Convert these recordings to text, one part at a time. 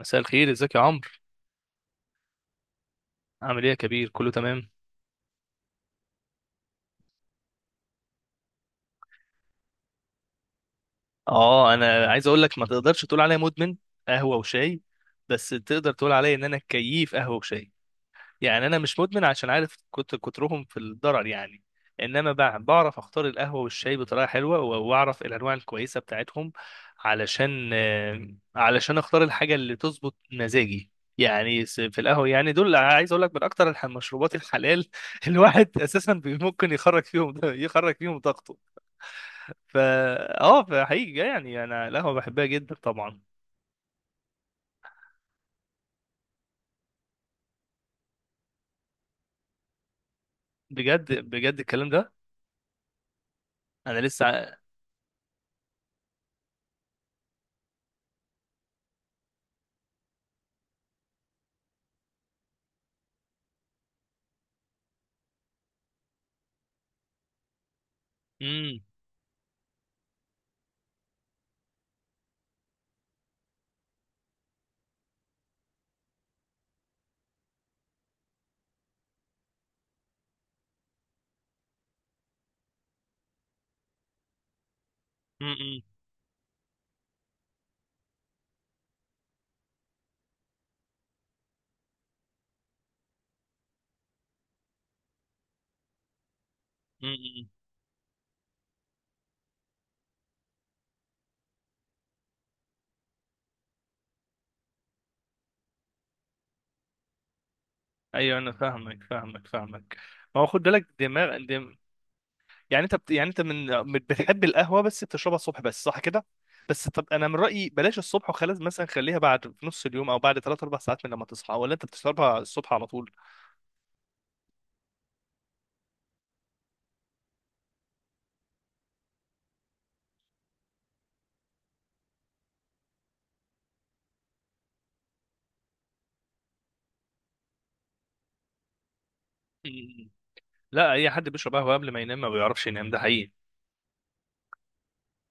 مساء الخير، ازيك يا عمرو؟ عامل ايه يا كبير، كله تمام؟ اه انا عايز اقول لك، ما تقدرش تقول عليا مدمن قهوه وشاي، بس تقدر تقول عليا ان انا كيف قهوه وشاي. يعني انا مش مدمن عشان عارف كنت كترهم في الضرر يعني. انما بعرف اختار القهوه والشاي بطريقه حلوه واعرف الانواع الكويسه بتاعتهم، علشان اختار الحاجه اللي تظبط مزاجي. يعني في القهوه، يعني دول عايز اقول لك من اكتر المشروبات الحلال الواحد اساسا ممكن يخرج فيهم طاقته. فا اه فحقيقي يعني انا القهوه بحبها جدا طبعا. بجد بجد الكلام ده؟ انا لسه. امم، امم، امم. إمم، إمم. ايوه انا فاهمك فاهمك فاهمك. ما هو خد بالك دماغ يعني يعني انت بتحب القهوه بس بتشربها الصبح بس، صح كده؟ بس طب انا من رايي بلاش الصبح، وخلاص مثلا خليها بعد في نص اليوم او بعد 3 4 ساعات من لما تصحى، ولا انت بتشربها الصبح على طول؟ مم. لا، اي حد بيشرب قهوه قبل ما ينام ما بيعرفش ينام، ده حقيقي.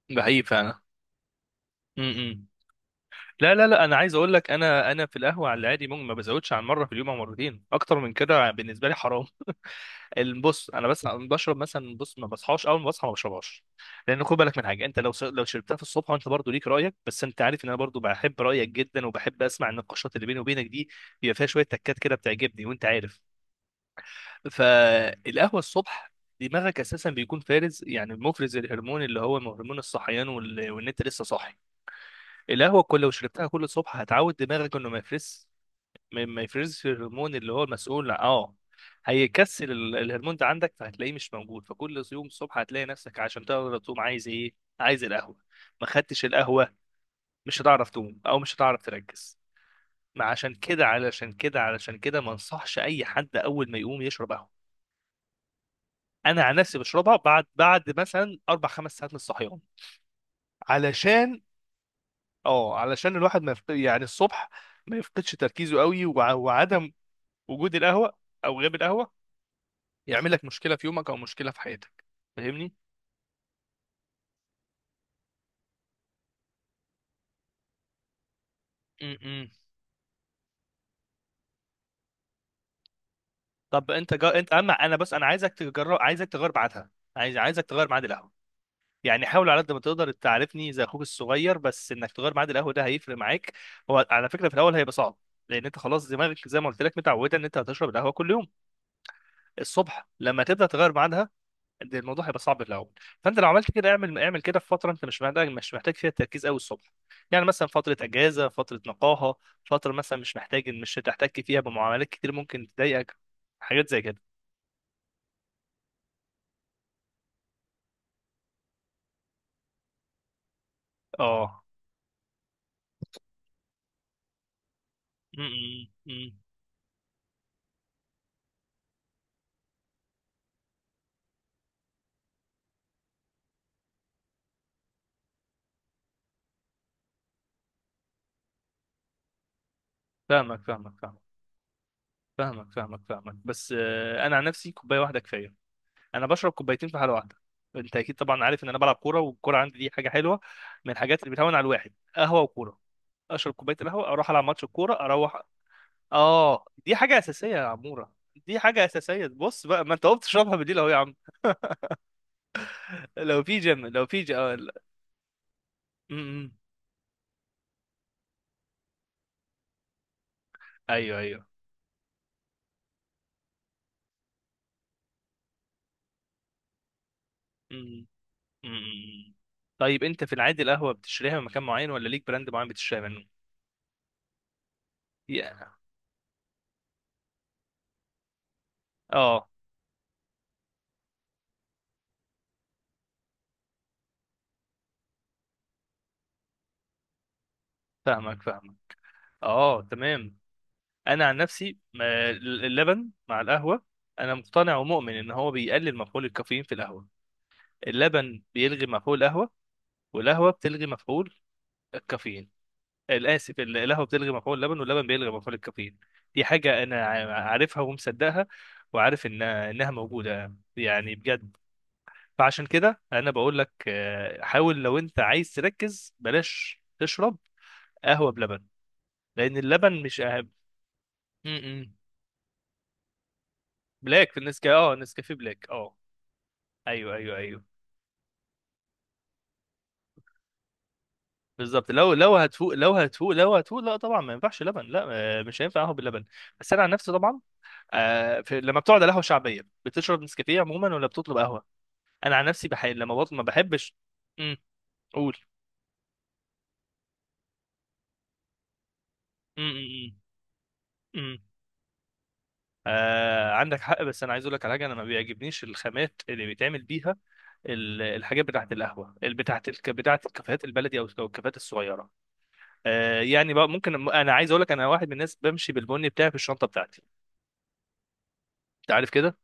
ده حقيقي فعلا. مم. لا لا لا، انا عايز اقول لك، انا في القهوه على العادي ممكن ما بزودش عن مره في اليوم او مرتين، اكتر من كده بالنسبه لي حرام. بص، انا بس بشرب مثلا، بص، ما بصحاش اول ما بصحى ما بشربهاش، لان خد بالك من حاجه، انت لو لو شربتها في الصبح، وانت برضو ليك رايك، بس انت عارف ان انا برضو بحب رايك جدا، وبحب اسمع النقاشات اللي بيني وبينك دي، بيبقى فيها شويه تكات كده بتعجبني وانت عارف. فالقهوه الصبح، دماغك اساسا بيكون فارز، يعني مفرز الهرمون اللي هو هرمون الصحيان، وان انت لسه صاحي. القهوه كل لو شربتها كل صبح، هتعود دماغك انه ما يفرز، ما يفرزش الهرمون اللي هو المسؤول، اه. هيكسل الهرمون ده عندك، فهتلاقيه مش موجود، فكل يوم الصبح هتلاقي نفسك عشان تقدر تقوم عايز ايه؟ عايز القهوة. ما خدتش القهوة مش هتعرف تقوم او مش هتعرف تركز. ما عشان كده، علشان كده، علشان كده ما انصحش اي حد اول ما يقوم يشرب قهوة. انا عن نفسي بشربها بعد، بعد مثلا اربع خمس ساعات من الصحيان، علشان اه، علشان الواحد ما يفق... يعني الصبح ما يفقدش تركيزه قوي، وعدم وجود القهوة او غياب القهوة يعمل لك مشكله في يومك او مشكله في حياتك، فاهمني؟ امم. طب انت انت، اما انا بس انا عايزك تجرب، عايزك تغير ميعادها، عايزك تغير ميعاد القهوه. يعني حاول على قد ما تقدر، تعرفني زي اخوك الصغير، بس انك تغير ميعاد القهوه ده هيفرق معاك. هو على فكره في الاول هيبقى صعب، لان انت خلاص دماغك زي ما قلت لك متعوده ان انت هتشرب القهوه كل يوم الصبح. لما تبدا تغير ميعادها، ده الموضوع هيبقى صعب في الاول. فانت لو عملت كده، اعمل كده في فتره انت مش محتاج فيها تركيز قوي الصبح، يعني مثلا فتره اجازه، فتره نقاهه، فتره مثلا مش محتاج، مش هتحتك فيها بمعاملات كتير ممكن تضايقك، حاجات زي كده. اه. م- م- م. فاهمك فاهمك فاهمك فاهمك فاهمك فاهمك، بس انا عن نفسي كوبايه واحده كفايه. انا بشرب كوبايتين في حاله واحده، انت اكيد طبعا عارف ان انا بلعب كوره، والكوره عندي دي حاجه حلوه من الحاجات اللي بتهون على الواحد، قهوه وكوره، اشرب كوبايه القهوه اروح العب ماتش الكوره اروح. اه، دي حاجة أساسية يا عمورة، دي حاجة أساسية. بص بقى، ما أنت قمت تشربها بالليل أهو يا عم. لو في جيم، لو في لا. م- م. أيوه أيوه. م- م. م- م. طيب أنت في العادي القهوة بتشتريها من مكان معين، ولا ليك براند معين بتشتريها منه؟ يا، اه، فاهمك فاهمك. اه تمام. أنا عن نفسي اللبن مع القهوة، أنا مقتنع ومؤمن إن هو بيقلل مفعول الكافيين في القهوة. اللبن بيلغي مفعول القهوة، والقهوة بتلغي مفعول الكافيين. الاسف، القهوه بتلغي مفعول اللبن، واللبن بيلغي مفعول الكافيين. دي حاجه انا عارفها ومصدقها، وعارف انها موجوده يعني، بجد. فعشان كده انا بقول لك حاول لو انت عايز تركز بلاش تشرب قهوه بلبن، لان اللبن مش أهم. م- م. بلاك في النسكافيه، اه، النسكافيه بلاك، اه. ايوه ايوه ايوه. بالظبط، لو لو هتفوق، لا طبعا ما ينفعش لبن، لا. مش هينفع قهوه باللبن. بس انا عن نفسي طبعا، آه، في لما بتقعد على قهوه شعبيه بتشرب نسكافيه عموما ولا بتطلب قهوه؟ انا عن نفسي بحب لما بطلب، ما بحبش. امم. قول. امم، امم. آه عندك حق، بس انا عايز اقول لك على حاجه، انا ما بيعجبنيش الخامات اللي بيتعمل بيها الحاجات بتاعه القهوه، اللي بتاعه بتاعه الكافيهات البلدي او، أو الكافيهات الصغيره. آه، يعني بقى ممكن انا عايز اقول لك انا واحد من الناس بمشي بالبني بتاعي في الشنطه بتاعتي، انت عارف كده.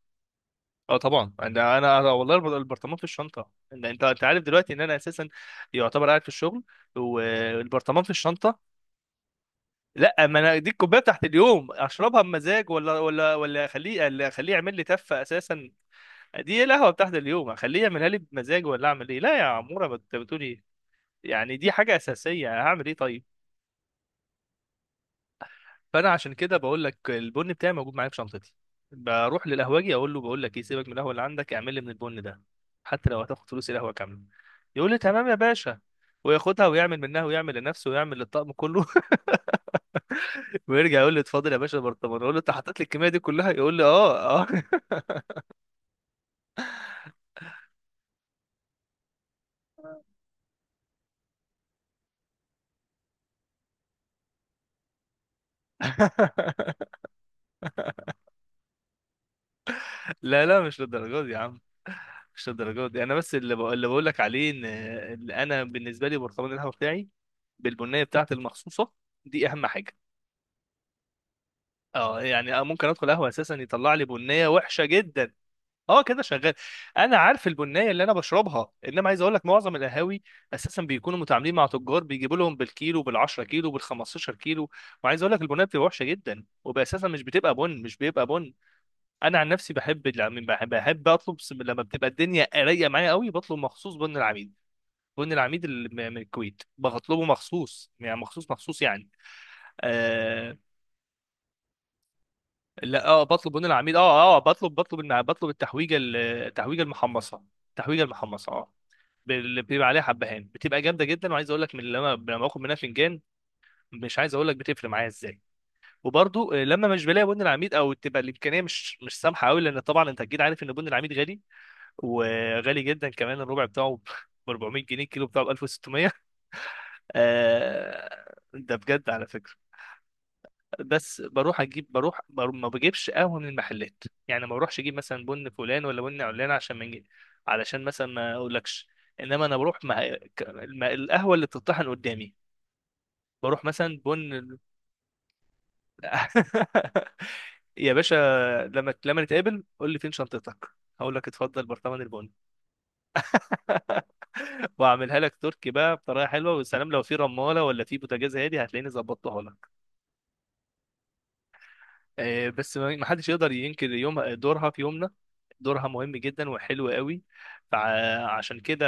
اه طبعا، انا انا أنا والله البرطمان في الشنطه، إن انت، انت عارف دلوقتي ان انا اساسا يعتبر قاعد في الشغل، والبرطمان في الشنطه. لا، ما انا دي الكوبايه بتاعت اليوم اشربها بمزاج، ولا اخليه، ولا اخليه يعمل لي تفه اساسا. دي القهوه بتاعت اليوم، اخليه يعملها لي بمزاج ولا اعمل ايه؟ لا يا عموره، ما انت بتقول ايه؟ يعني دي حاجه اساسيه، هعمل ايه طيب؟ فانا عشان كده بقول لك، البن بتاعي موجود معايا في شنطتي. بروح للقهوجي اقول له، بقول لك ايه، سيبك من القهوه اللي عندك، اعمل لي من البن ده، حتى لو هتاخد فلوس القهوه كامله. يقول لي تمام يا باشا، وياخدها ويعمل منها ويعمل لنفسه ويعمل للطقم كله. ويرجع يقول لي اتفضل يا باشا برطمان، اقول له انت حطيت لي الكميه دي كلها؟ يقول لي اه، اه. لا لا، مش للدرجه دي يا عم، مش للدرجه دي. انا بس اللي بقول، اللي بقول لك عليه ان، إن انا بالنسبه لي برطمان القهوه بتاعي بالبنيه بتاعتي المخصوصه، دي اهم حاجه. اه، يعني أنا ممكن ادخل قهوه اساسا يطلع لي بنيه وحشه جدا. اه كده شغال. انا عارف البنيه اللي انا بشربها، انما عايز اقول لك معظم القهاوي اساسا بيكونوا متعاملين مع تجار بيجيبوا لهم بالكيلو، بال10 كيلو، بال15 كيلو، وعايز اقول لك البنيه بتبقى وحشه جدا، وباساسا مش بتبقى بن، مش بيبقى بن انا عن نفسي بحب العميل، بحب, بحب اطلب لما بتبقى الدنيا قريه معايا قوي بطلب مخصوص بن العميد. بن العميد اللي من الكويت بطلبه مخصوص، يعني مخصوص مخصوص يعني. آه، لا، اه، بطلب من العميل، اه، اه، بطلب، بطلب بطلب التحويجه التحويجه المحمصه. التحويجه المحمصه، اه، اللي بيبقى عليها حبهان، بتبقى جامده جدا. وعايز اقول لك، من لما، لما باخد منها فنجان، مش عايز اقول لك بتفرق معايا ازاي. وبرضو لما مش بلاقي بن العميد، او تبقى الامكانيه مش، مش سامحه قوي، لان طبعا انت اكيد عارف ان بن العميد غالي، وغالي جدا كمان. الربع بتاعه ب 400 جنيه، الكيلو بتاعه ب 1600. آه، ده بجد على فكره. بس بروح اجيب، بروح ما بجيبش قهوه من المحلات يعني، ما بروحش اجيب مثلا بن فلان ولا بن علان عشان ما نجي- علشان مثلا ما اقولكش، انما انا بروح مع القهوه اللي بتطحن قدامي. بروح مثلا بن. يا باشا، لما، لما نتقابل قول لي فين شنطتك، هقول لك اتفضل برطمان البن. واعملها لك تركي بقى بطريقه حلوه والسلام، لو في رماله ولا في بوتاجاز هادي هتلاقيني ظبطتها لك. بس ما، ما حدش يقدر ينكر يوم دورها في يومنا. دورها مهم جدا وحلو قوي، فعشان كده،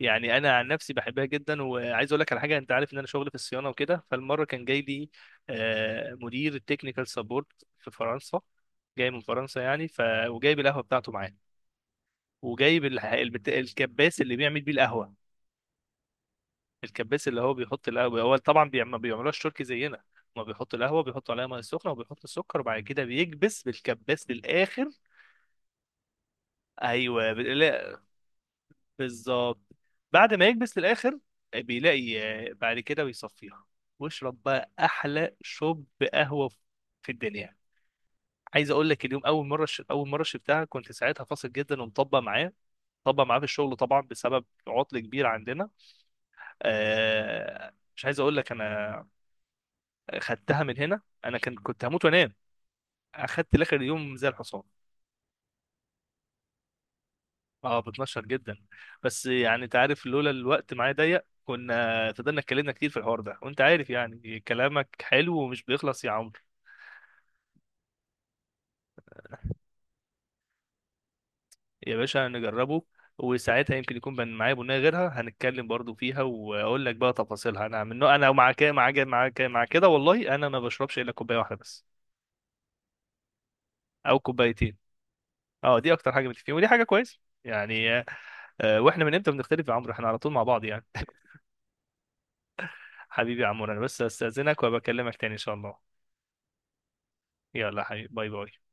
يعني انا عن نفسي بحبها جدا. وعايز اقول لك على حاجه، انت عارف ان انا شغلي في الصيانه وكده، فالمره كان جاي لي مدير التكنيكال سبورت في فرنسا، جاي من فرنسا يعني، ف، وجايب القهوه بتاعته معاه، وجايب الكباس اللي بيعمل بيه القهوه. الكباس اللي هو بيحط القهوه، هو طبعا ما بيعملوش تركي زينا، ما بيحط القهوه، بيحط عليها ميه سخنه وبيحط السكر، وبعد كده بيكبس بالكباس للاخر. ايوه لا، بالظبط. بعد ما يكبس للاخر بيلاقي بعد كده بيصفيها، واشرب بقى احلى شوب قهوه في الدنيا. عايز اقول لك، اليوم اول مره اول مره شربتها كنت ساعتها فاصل جدا ومطبق معاه، طبق معاه في الشغل طبعا بسبب عطل كبير عندنا. مش عايز اقول لك انا خدتها من هنا، انا كان كنت هموت وانام، اخدت لاخر اليوم زي الحصان. اه بتنشط جدا. بس يعني انت عارف لولا الوقت معايا ضيق كنا فضلنا اتكلمنا كتير في الحوار ده، وانت عارف يعني كلامك حلو ومش بيخلص يا عمرو. يا باشا نجربه، وساعتها يمكن يكون معايا بنية غيرها هنتكلم برضو فيها، واقول لك بقى تفاصيلها. انا انا مع كده مع كده مع كده مع كده، والله انا ما بشربش الا كوبايه واحده بس، او كوبايتين. اه دي اكتر حاجه بتفيد، ودي حاجه كويسه يعني. واحنا من امتى بنختلف يا عمرو؟ احنا على طول مع بعض يعني. حبيبي يا عمرو، انا بس استاذنك وبكلمك تاني ان شاء الله. يلا يا حبيبي، باي باي.